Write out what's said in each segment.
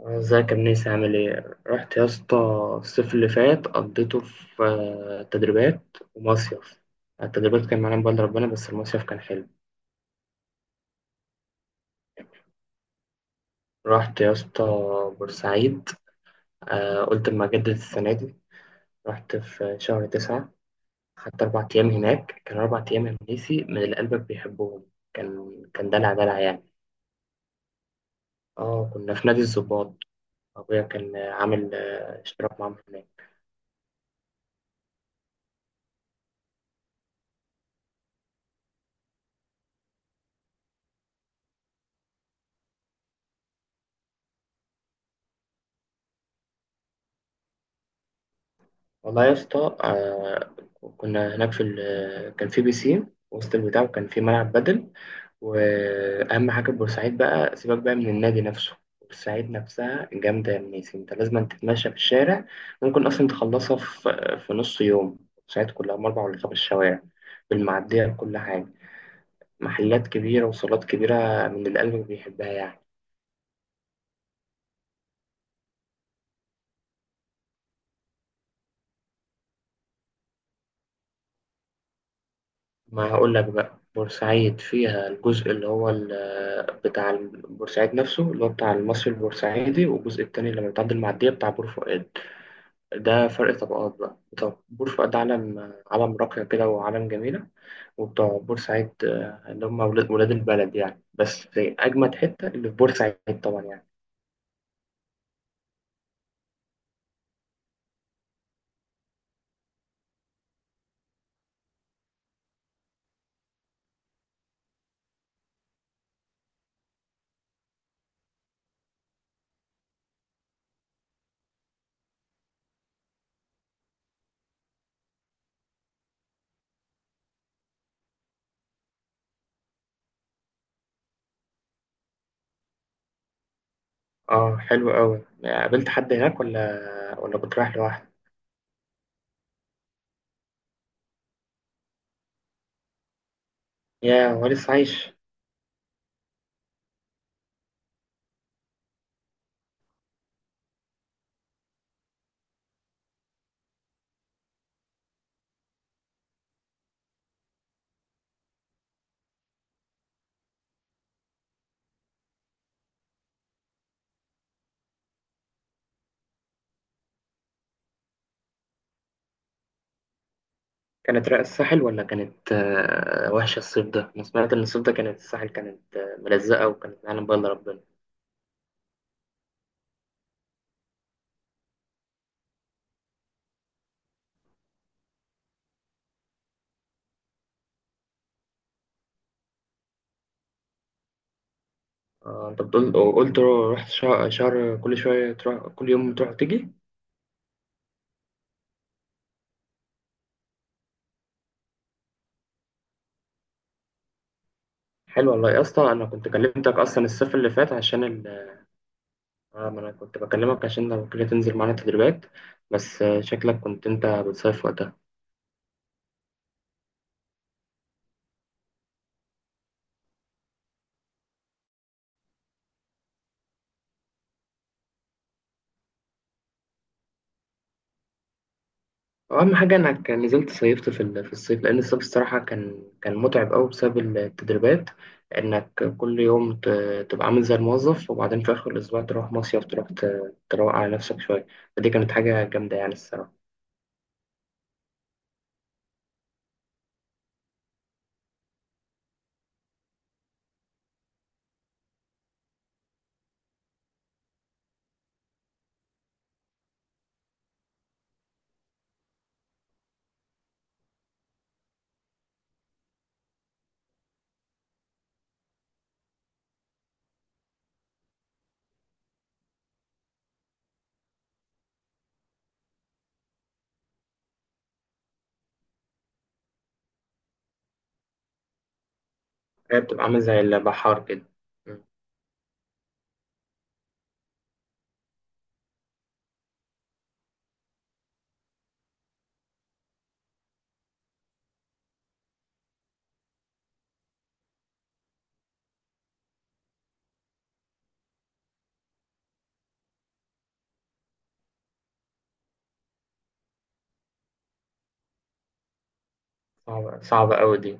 ازيك يا منيس، عامل ايه؟ رحت يا اسطى. الصيف اللي فات قضيته في تدريبات ومصيف. التدريبات كان معانا بقدر ربنا، بس المصيف كان حلو. رحت يا اسطى بورسعيد. قلت اما اجدد السنة دي. رحت في شهر تسعة، خدت أربع أيام هناك. كان أربع أيام يا منيسي من اللي قلبك بيحبهم. كان دلع دلع يعني. اه كنا في نادي الظباط. أبويا كان عامل اشتراك معاهم هناك. والله يا اسطى، كنا هناك في كان في بيسين وسط البتاع، وكان في ملعب بدل. واهم حاجه في بورسعيد، بقى سيبك بقى من النادي نفسه، بورسعيد نفسها جامده يا منيس. انت لازم تتمشى في الشارع. ممكن اصلا تخلصها في نص يوم. بورسعيد كلها من اربع ولا خمس شوارع، بالمعديه بكل حاجه. محلات كبيره وصالات كبيره من اللي قلبك بيحبها يعني. ما هقول لك بقى، بورسعيد فيها الجزء اللي هو بتاع بورسعيد نفسه اللي هو بتاع المصري البورسعيدي، والجزء التاني اللي بتعدي المعدية بتاع بور فؤاد. ده فرق طبقات بقى. طب بور فؤاد علم علم راقية كده وعلم جميلة، وبتوع بورسعيد اللي هم ولاد ولاد البلد يعني. بس أجمد حتة اللي في بورسعيد طبعا يعني. اه حلو قوي. قابلت حد هناك ولا كنت رايح لوحدك؟ يا ولسه عايش. كانت رأي الساحل ولا كانت وحشة الصيف ده؟ أنا سمعت إن الصيف ده كانت الساحل كانت ملزقة وكانت معلم بقى إلا ربنا. أنت بتقول وقلت رحت شهر, شهر، كل شوية تروح، كل يوم تروح وتيجي. حلو والله يا اسطى. أنا كنت كلمتك أصلا الصيف اللي فات عشان ما أنا كنت بكلمك عشان لو كده تنزل معانا تدريبات، بس شكلك كنت أنت بتصيف وقتها. اهم حاجه انك نزلت صيفت في في الصيف، لان الصيف الصراحه كان متعب قوي بسبب التدريبات. انك كل يوم تبقى عامل زي الموظف، وبعدين في اخر الاسبوع تروح مصيف، تروح تروق على نفسك شويه. فدي كانت حاجه جامده يعني الصراحه. هي بتبقى عامل زي البحار كده. م. صعبه صعبه قوي دي.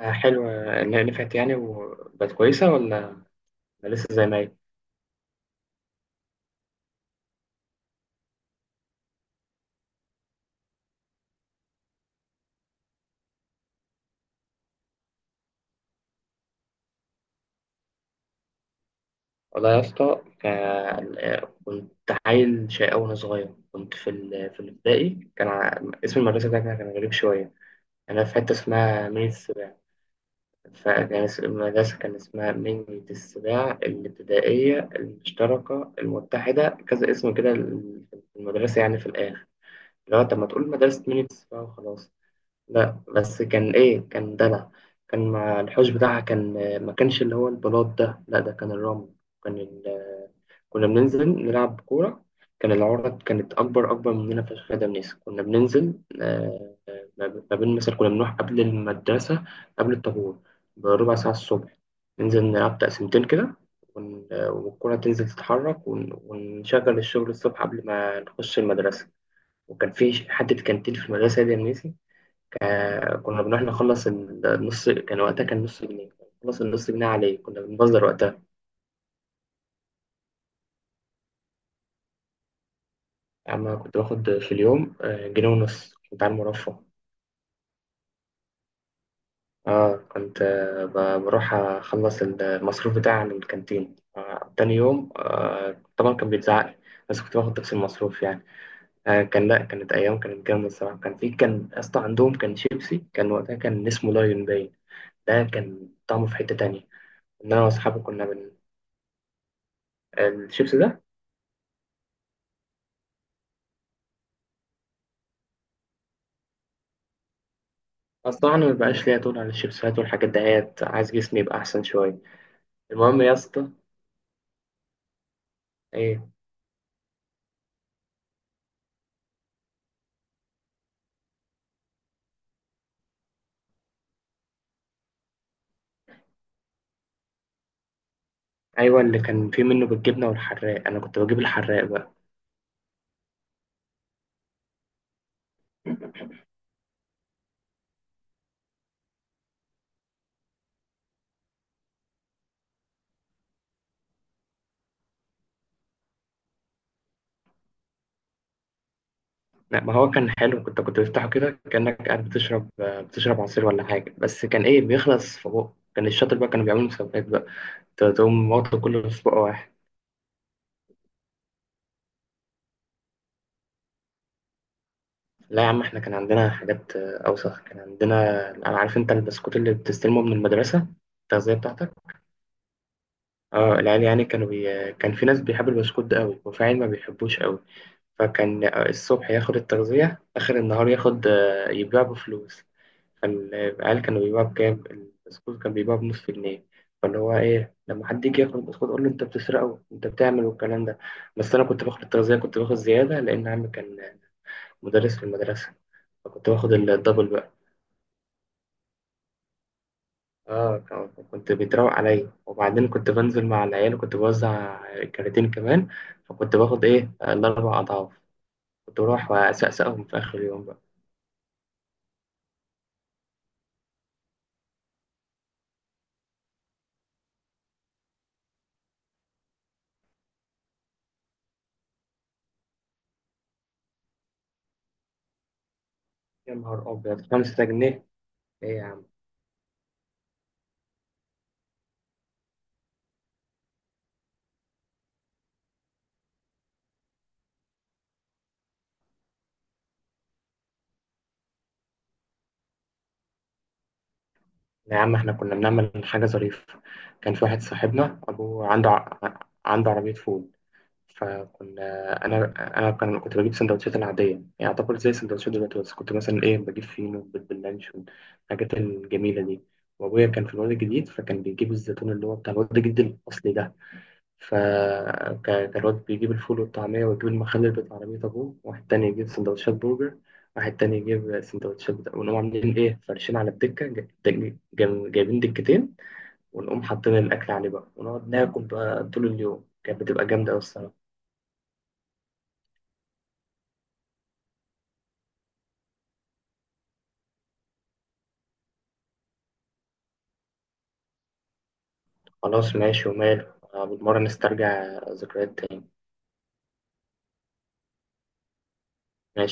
حلوه. إن هي نفعت يعني وبقت كويسه، ولا لسه زي ما هي؟ والله يا اسطى، كان كنت عيل شقي أوي وأنا صغير. كنت في في الابتدائي. كان اسم المدرسة ده كان غريب شوية. أنا في حتة اسمها مين السباع، فكان المدرسة كان اسمها مين السباع الابتدائية المشتركة المتحدة، كذا اسم كده في المدرسة يعني في الآخر. لو طب ما تقول مدرسة مين السباع وخلاص. لا بس كان ايه، كان دلع. كان مع الحوش بتاعها، كان ما كانش اللي هو البلاط ده، لا ده كان الرمل. كان كنا بننزل نلعب كورة. كان العرض كانت أكبر أكبر مننا في الخادم نيس. كنا بننزل ما بين مثلا كنا بنروح قبل المدرسة، قبل الطابور، بربع ساعة الصبح، ننزل نلعب تقسيمتين كده، والكرة تنزل تتحرك، ونشغل الشغل الصبح قبل ما نخش المدرسة. وكان في حتة كانتين في المدرسة دي يا منيسي. كنا بنروح نخلص النص، كان وقتها كان نص جنيه، نخلص النص جنيه عليه، كنا بنبذر وقتها. أما كنت باخد في اليوم جنيه ونص، كنت على المرفه. اه كنت بروح أخلص المصروف بتاعي من الكانتين تاني يوم، طبعا كان بيتزعق لي، بس كنت باخد نفس المصروف يعني. كان لا كانت أيام كانت جامدة الصراحة. كان في كان أصلا عندهم كان شيبسي، كان وقتها كان اسمه لايون باين. ده كان طعمه في حتة تانية. إن أنا وأصحابي كنا الشيبس ده. بس طبعا ما بقاش ليا طول على الشيبسات والحاجات دهيت، عايز جسمي يبقى احسن شويه. المهم يا اسطى، ايه. ايوه اللي كان فيه منه بالجبنه والحراق، انا كنت بجيب الحراق بقى. لا ما هو كان حلو، كنت بفتحه كده كانك قاعد بتشرب عصير ولا حاجه، بس كان ايه بيخلص في بقه، كان الشاطر بقى كانوا بيعملوا مسابقات بقى، تقوم واخده كله في بقه واحد. لا يا عم، احنا كان عندنا حاجات اوسخ. كان عندنا، عارف انت البسكوت اللي بتستلمه من المدرسه، التغذيه بتاعتك. اه العيال يعني كانوا كان في ناس بيحب البسكوت ده قوي، وفي عيال ما بيحبوش قوي. فكان الصبح ياخد التغذية، آخر النهار ياخد يبيع بفلوس. فالعيال كانوا بيبيعوا بكام البسكوت؟ كان بيبيعوا بنص جنيه. فاللي هو ايه، لما حد يجي ياخد البسكوت اقول له انت بتسرقه، انت بتعمل والكلام ده. بس انا كنت باخد التغذية، كنت باخد زيادة لأن عمي كان مدرس في المدرسة، فكنت باخد الدبل بقى. اه كنت بيتراوق عليا، وبعدين كنت بنزل مع العيال وكنت بوزع كراتين كمان، فكنت باخد ايه الاربع اضعاف، كنت بروح واسقسقهم في اخر اليوم بقى. يا نهار ابيض، 5 جنيه؟ ايه يا عم. لا يا عم، احنا كنا بنعمل حاجه ظريفه. كان في واحد صاحبنا ابوه عنده عنده عربيه فول. فكنا، انا انا كان كنت بجيب سندوتشات العاديه يعني، اعتبر زي السندوتشات دلوقتي، بس كنت مثلا ايه بجيب فينو بيض باللانشون، الحاجات الجميله دي. وابويا كان في الواد الجديد، فكان بيجيب الزيتون اللي هو بتاع الواد الجديد الاصلي ده. فكان الواد بيجيب الفول والطعميه، ويجيب المخلل بتاع عربيه ابوه، واحد تاني يجيب سندوتشات برجر، واحد تاني يجيب سندوتشات بتاع، ونقوم عاملين ايه فرشين على الدكه، جايبين دكتين، ونقوم حاطين الاكل عليه بقى، ونقعد ناكل بقى طول اليوم، كانت بتبقى جامده أوي الصراحه. خلاص ماشي وماله، بالمرة نسترجع ذكريات تاني. ماشي.